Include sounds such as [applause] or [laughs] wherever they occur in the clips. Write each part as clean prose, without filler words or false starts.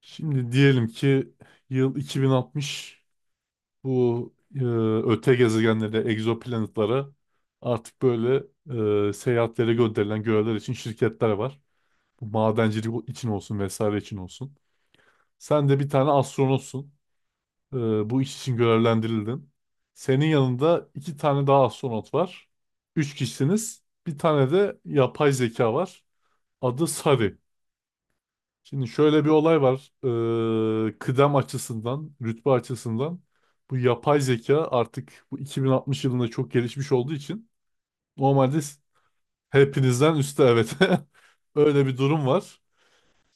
Şimdi diyelim ki yıl 2060. Bu öte gezegenlere, egzoplanetlara artık böyle seyahatlere gönderilen görevler için şirketler var. Bu madencilik için olsun vesaire için olsun. Sen de bir tane astronotsun. E, bu iş için görevlendirildin. Senin yanında iki tane daha astronot var. Üç kişisiniz. Bir tane de yapay zeka var. Adı Sari. Şimdi şöyle bir olay var. Kıdem açısından, rütbe açısından bu yapay zeka artık bu 2060 yılında çok gelişmiş olduğu için normalde hepinizden üstte, evet. [laughs] Öyle bir durum var.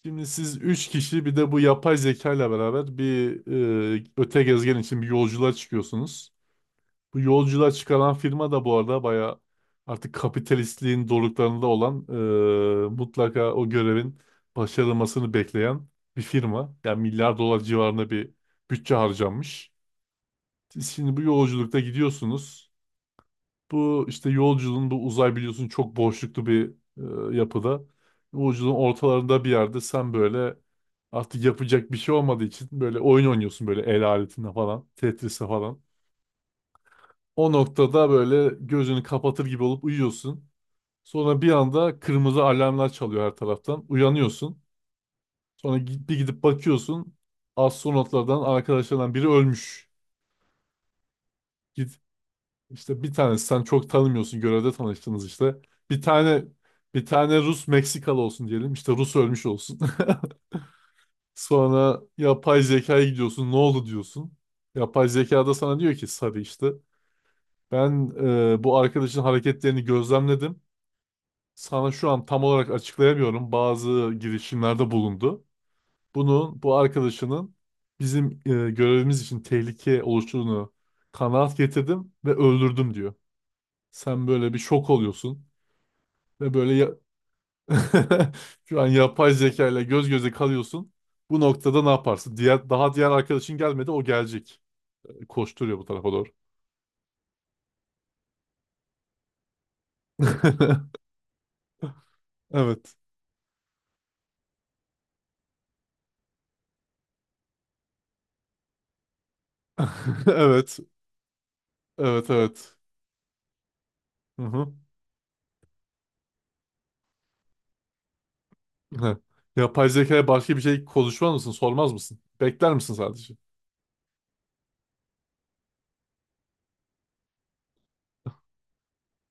Şimdi siz 3 kişi bir de bu yapay zeka ile beraber bir öte gezegen için bir yolculuğa çıkıyorsunuz. Bu yolculuğa çıkaran firma da bu arada bayağı artık kapitalistliğin doruklarında olan, mutlaka o görevin başarılmasını bekleyen bir firma. Yani milyar dolar civarında bir bütçe harcanmış. Siz şimdi bu yolculukta gidiyorsunuz. Bu işte yolculuğun, bu uzay biliyorsun, çok boşluklu bir yapıda. Yolculuğun ortalarında bir yerde sen böyle artık yapacak bir şey olmadığı için böyle oyun oynuyorsun, böyle el aletinde falan, Tetris'e falan. O noktada böyle gözünü kapatır gibi olup uyuyorsun. Sonra bir anda kırmızı alarmlar çalıyor her taraftan. Uyanıyorsun. Sonra bir gidip bakıyorsun. Astronotlardan, arkadaşlardan biri ölmüş. Git işte, bir tanesi, sen çok tanımıyorsun, görevde tanıştınız işte. Bir tane bir tane Rus Meksikalı olsun diyelim. İşte Rus ölmüş olsun. [laughs] Sonra yapay zekaya gidiyorsun. Ne oldu diyorsun. Yapay zekada sana diyor ki Sarı işte. Ben bu arkadaşın hareketlerini gözlemledim. Sana şu an tam olarak açıklayamıyorum. Bazı girişimlerde bulundu. Bunun, bu arkadaşının bizim görevimiz için tehlike oluştuğunu kanaat getirdim ve öldürdüm diyor. Sen böyle bir şok oluyorsun ve böyle [laughs] şu an yapay zeka ile göz göze kalıyorsun. Bu noktada ne yaparsın? Diğer arkadaşın gelmedi, o gelecek. Koşturuyor bu tarafa doğru. [laughs] Evet. [laughs] Evet. Evet, evet. Hı hı. Heh. Yapay zekaya başka bir şey konuşmaz mısın? Sormaz mısın? Bekler misin sadece?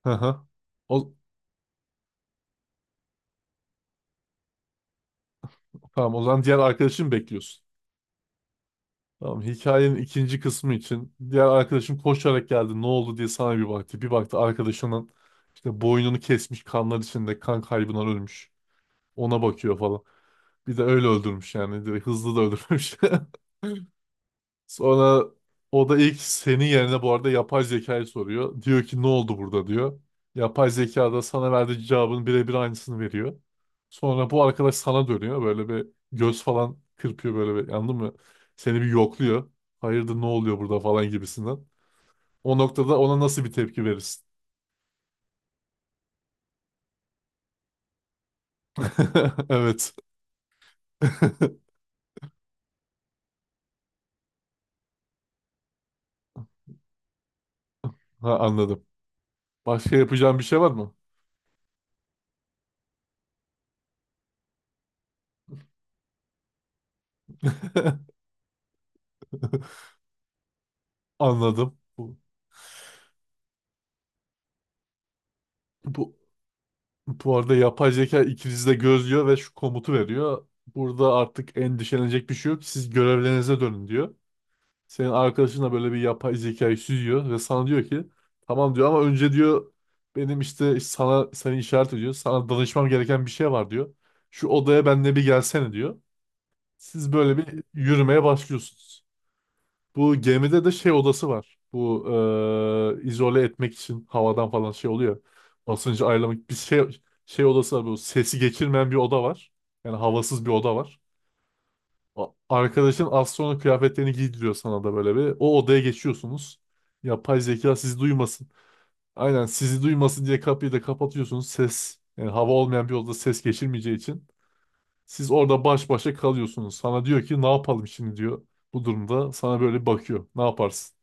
Hı hı. O, tamam, o zaman diğer arkadaşını bekliyorsun. Tamam, hikayenin ikinci kısmı için: diğer arkadaşın koşarak geldi, ne oldu diye sana bir baktı. Bir baktı, arkadaşının işte boynunu kesmiş, kanlar içinde, kan kaybından ölmüş. Ona bakıyor falan. Bir de öyle öldürmüş yani, direkt hızlı da öldürmüş. [laughs] Sonra o da ilk, senin yerine, bu arada yapay zekayı soruyor. Diyor ki ne oldu burada diyor. Yapay zeka da sana verdiği cevabın birebir aynısını veriyor. Sonra bu arkadaş sana dönüyor. Böyle bir göz falan kırpıyor, böyle bir anladın mı? Seni bir yokluyor. Hayırdır, ne oluyor burada falan gibisinden. O noktada ona nasıl bir tepki verirsin? [laughs] Evet. [laughs] Ha, anladım. Başka yapacağım bir şey var mı? [laughs] Anladım. Bu Bu arada yapay zeka ikinizi de gözlüyor ve şu komutu veriyor. Burada artık endişelenecek bir şey yok. Siz görevlerinize dönün diyor. Senin arkadaşın da böyle bir yapay zekayı süzüyor ve sana diyor ki tamam diyor, ama önce diyor, benim işte, sana seni işaret ediyor, sana danışmam gereken bir şey var diyor. Şu odaya benimle bir gelsene diyor. Siz böyle bir yürümeye başlıyorsunuz. Bu gemide de şey odası var. Bu izole etmek için havadan falan şey oluyor. Basıncı ayarlamak, bir şey, şey odası var. Bu sesi geçirmeyen bir oda var. Yani havasız bir oda var. Arkadaşın az sonra kıyafetlerini giydiriyor sana da böyle bir. O odaya geçiyorsunuz. Yapay zeka sizi duymasın. Aynen, sizi duymasın diye kapıyı da kapatıyorsunuz. Ses, yani hava olmayan bir odada ses geçirmeyeceği için. Siz orada baş başa kalıyorsunuz. Sana diyor ki ne yapalım şimdi diyor. Bu durumda sana böyle bakıyor. Ne yaparsın?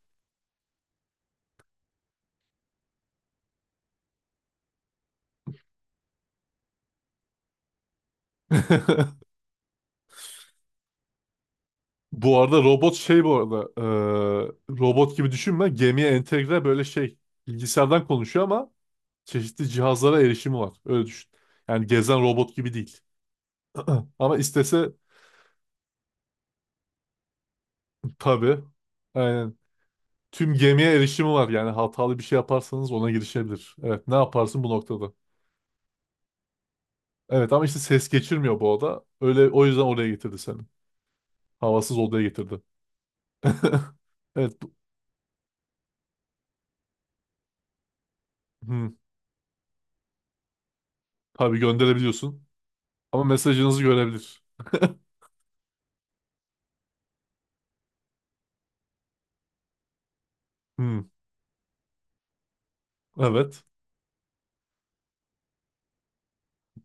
[laughs] Bu arada robot, şey, bu arada robot gibi düşünme, gemiye entegre böyle şey bilgisayardan konuşuyor ama çeşitli cihazlara erişimi var, öyle düşün. Yani gezen robot gibi değil. [clears throat] Ama istese, tabii, aynen, tüm gemiye erişimi var, yani hatalı bir şey yaparsanız ona girişebilir. Evet, ne yaparsın bu noktada? Evet, ama işte ses geçirmiyor bu oda, öyle, o yüzden oraya getirdi seni. Havasız odaya getirdi. [laughs] Evet, hı, tabii gönderebiliyorsun ama mesajınızı görebilir. [laughs] Hmm, evet.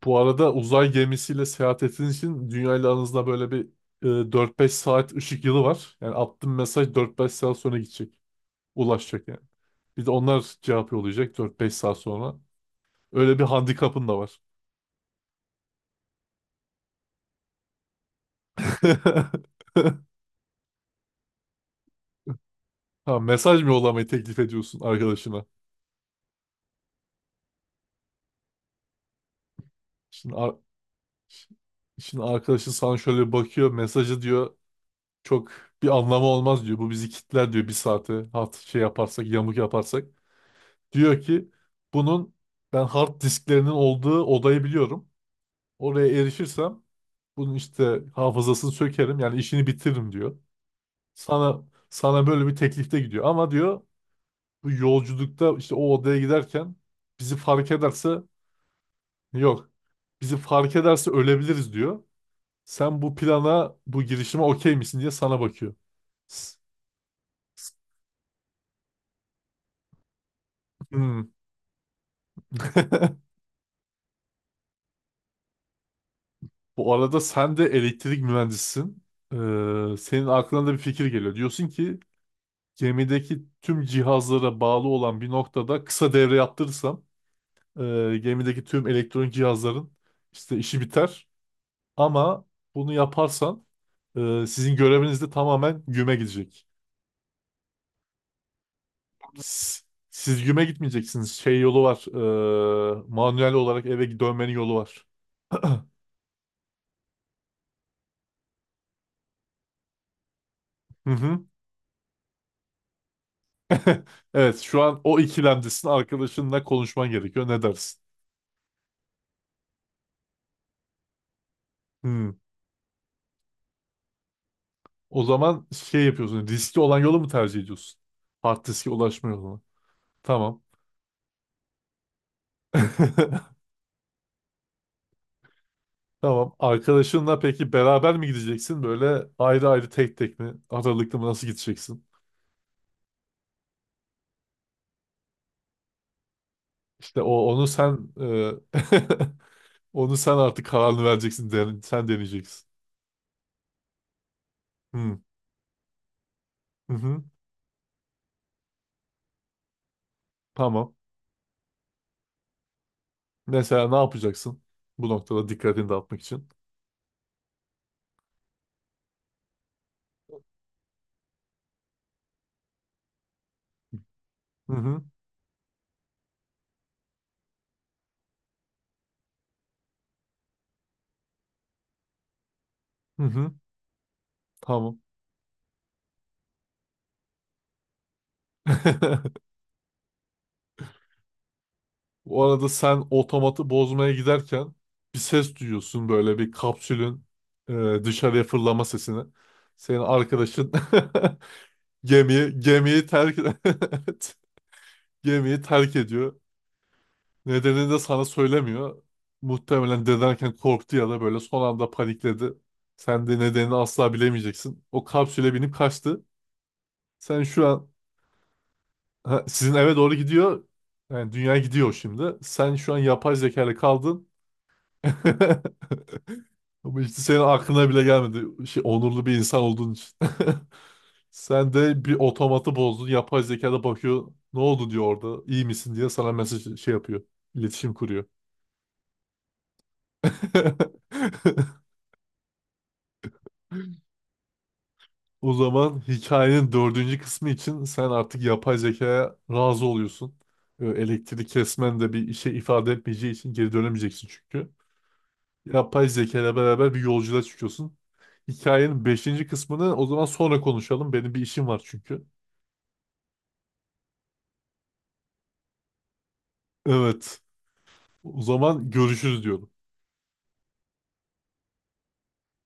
Bu arada uzay gemisiyle seyahat ettiğiniz için dünya ile aranızda böyle bir e, 4-5 saat ışık yılı var. Yani attığın mesaj 4-5 saat sonra gidecek. Ulaşacak yani. Bir de onlar cevap yollayacak 4-5 saat sonra. Öyle bir handikapın da var. [laughs] Ha, mesaj mı yollamayı teklif ediyorsun arkadaşına? Şimdi, ar- şimdi arkadaşın sana şöyle bir bakıyor. Mesajı diyor çok bir anlamı olmaz diyor. Bu bizi kitler diyor bir saate. Hat, şey yaparsak, yamuk yaparsak. Diyor ki bunun, ben hard disklerinin olduğu odayı biliyorum. Oraya erişirsem bunun işte hafızasını sökerim, yani işini bitiririm diyor. Sana sana böyle bir teklifte gidiyor, ama diyor bu yolculukta işte o odaya giderken bizi fark ederse, yok, bizi fark ederse ölebiliriz diyor. Sen bu plana, bu girişime okey misin diye sana bakıyor. S- s- Hmm. [laughs] Bu arada sen de elektrik mühendisisin. Ee, senin aklına da bir fikir geliyor. Diyorsun ki gemideki tüm cihazlara bağlı olan bir noktada kısa devre yaptırırsam gemideki tüm elektronik cihazların işte işi biter. Ama bunu yaparsan sizin göreviniz de tamamen güme gidecek. S- Siz güme gitmeyeceksiniz. Şey yolu var. Manuel olarak eve dönmenin yolu var. [clears throat] Hı hı. [laughs] Evet, şu an o ikilemdesin. Arkadaşınla konuşman gerekiyor. Ne dersin? Hmm. O zaman şey yapıyorsun. Riskli olan yolu mu tercih ediyorsun? Hard diske ulaşma yolunu. Tamam. [laughs] Tamam. Arkadaşınla peki beraber mi gideceksin? Böyle ayrı ayrı, tek tek mi? Aralıklı mı? Nasıl gideceksin? İşte o onu sen [laughs] onu sen artık kararını vereceksin. Sen deneyeceksin. Hı, hı hı. Tamam. Mesela ne yapacaksın? Bu noktada dikkatini dağıtmak için. Hı hı. Hı hı. Tamam. [laughs] O arada sen otomatı bozmaya giderken bir ses duyuyorsun, böyle bir kapsülün dışarıya fırlama sesini. Senin arkadaşın [laughs] Gemiyi terk [laughs] Evet. Gemiyi terk ediyor. Nedenini de sana söylemiyor. Muhtemelen dedenken korktu ya da böyle son anda panikledi. Sen de nedenini asla bilemeyeceksin. O kapsüle binip kaçtı. Sen şu an ha, sizin eve doğru gidiyor. Yani dünya gidiyor şimdi. Sen şu an yapay zekayla kaldın. [laughs] Ama işte senin aklına bile gelmedi. Şey, onurlu bir insan olduğun için. [laughs] Sen de bir otomatı bozdun. Yapay zeka da bakıyor. Ne oldu diyor orada. İyi misin diye sana mesaj şey yapıyor. İletişim kuruyor. [laughs] O zaman hikayenin dördüncü kısmı için sen artık yapay zekaya razı oluyorsun. Elektrik kesmen de bir işe ifade etmeyeceği için geri dönemeyeceksin çünkü. Yapay zeka ile beraber bir yolculuğa çıkıyorsun. Hikayenin beşinci kısmını o zaman sonra konuşalım. Benim bir işim var çünkü. Evet. O zaman görüşürüz diyorum.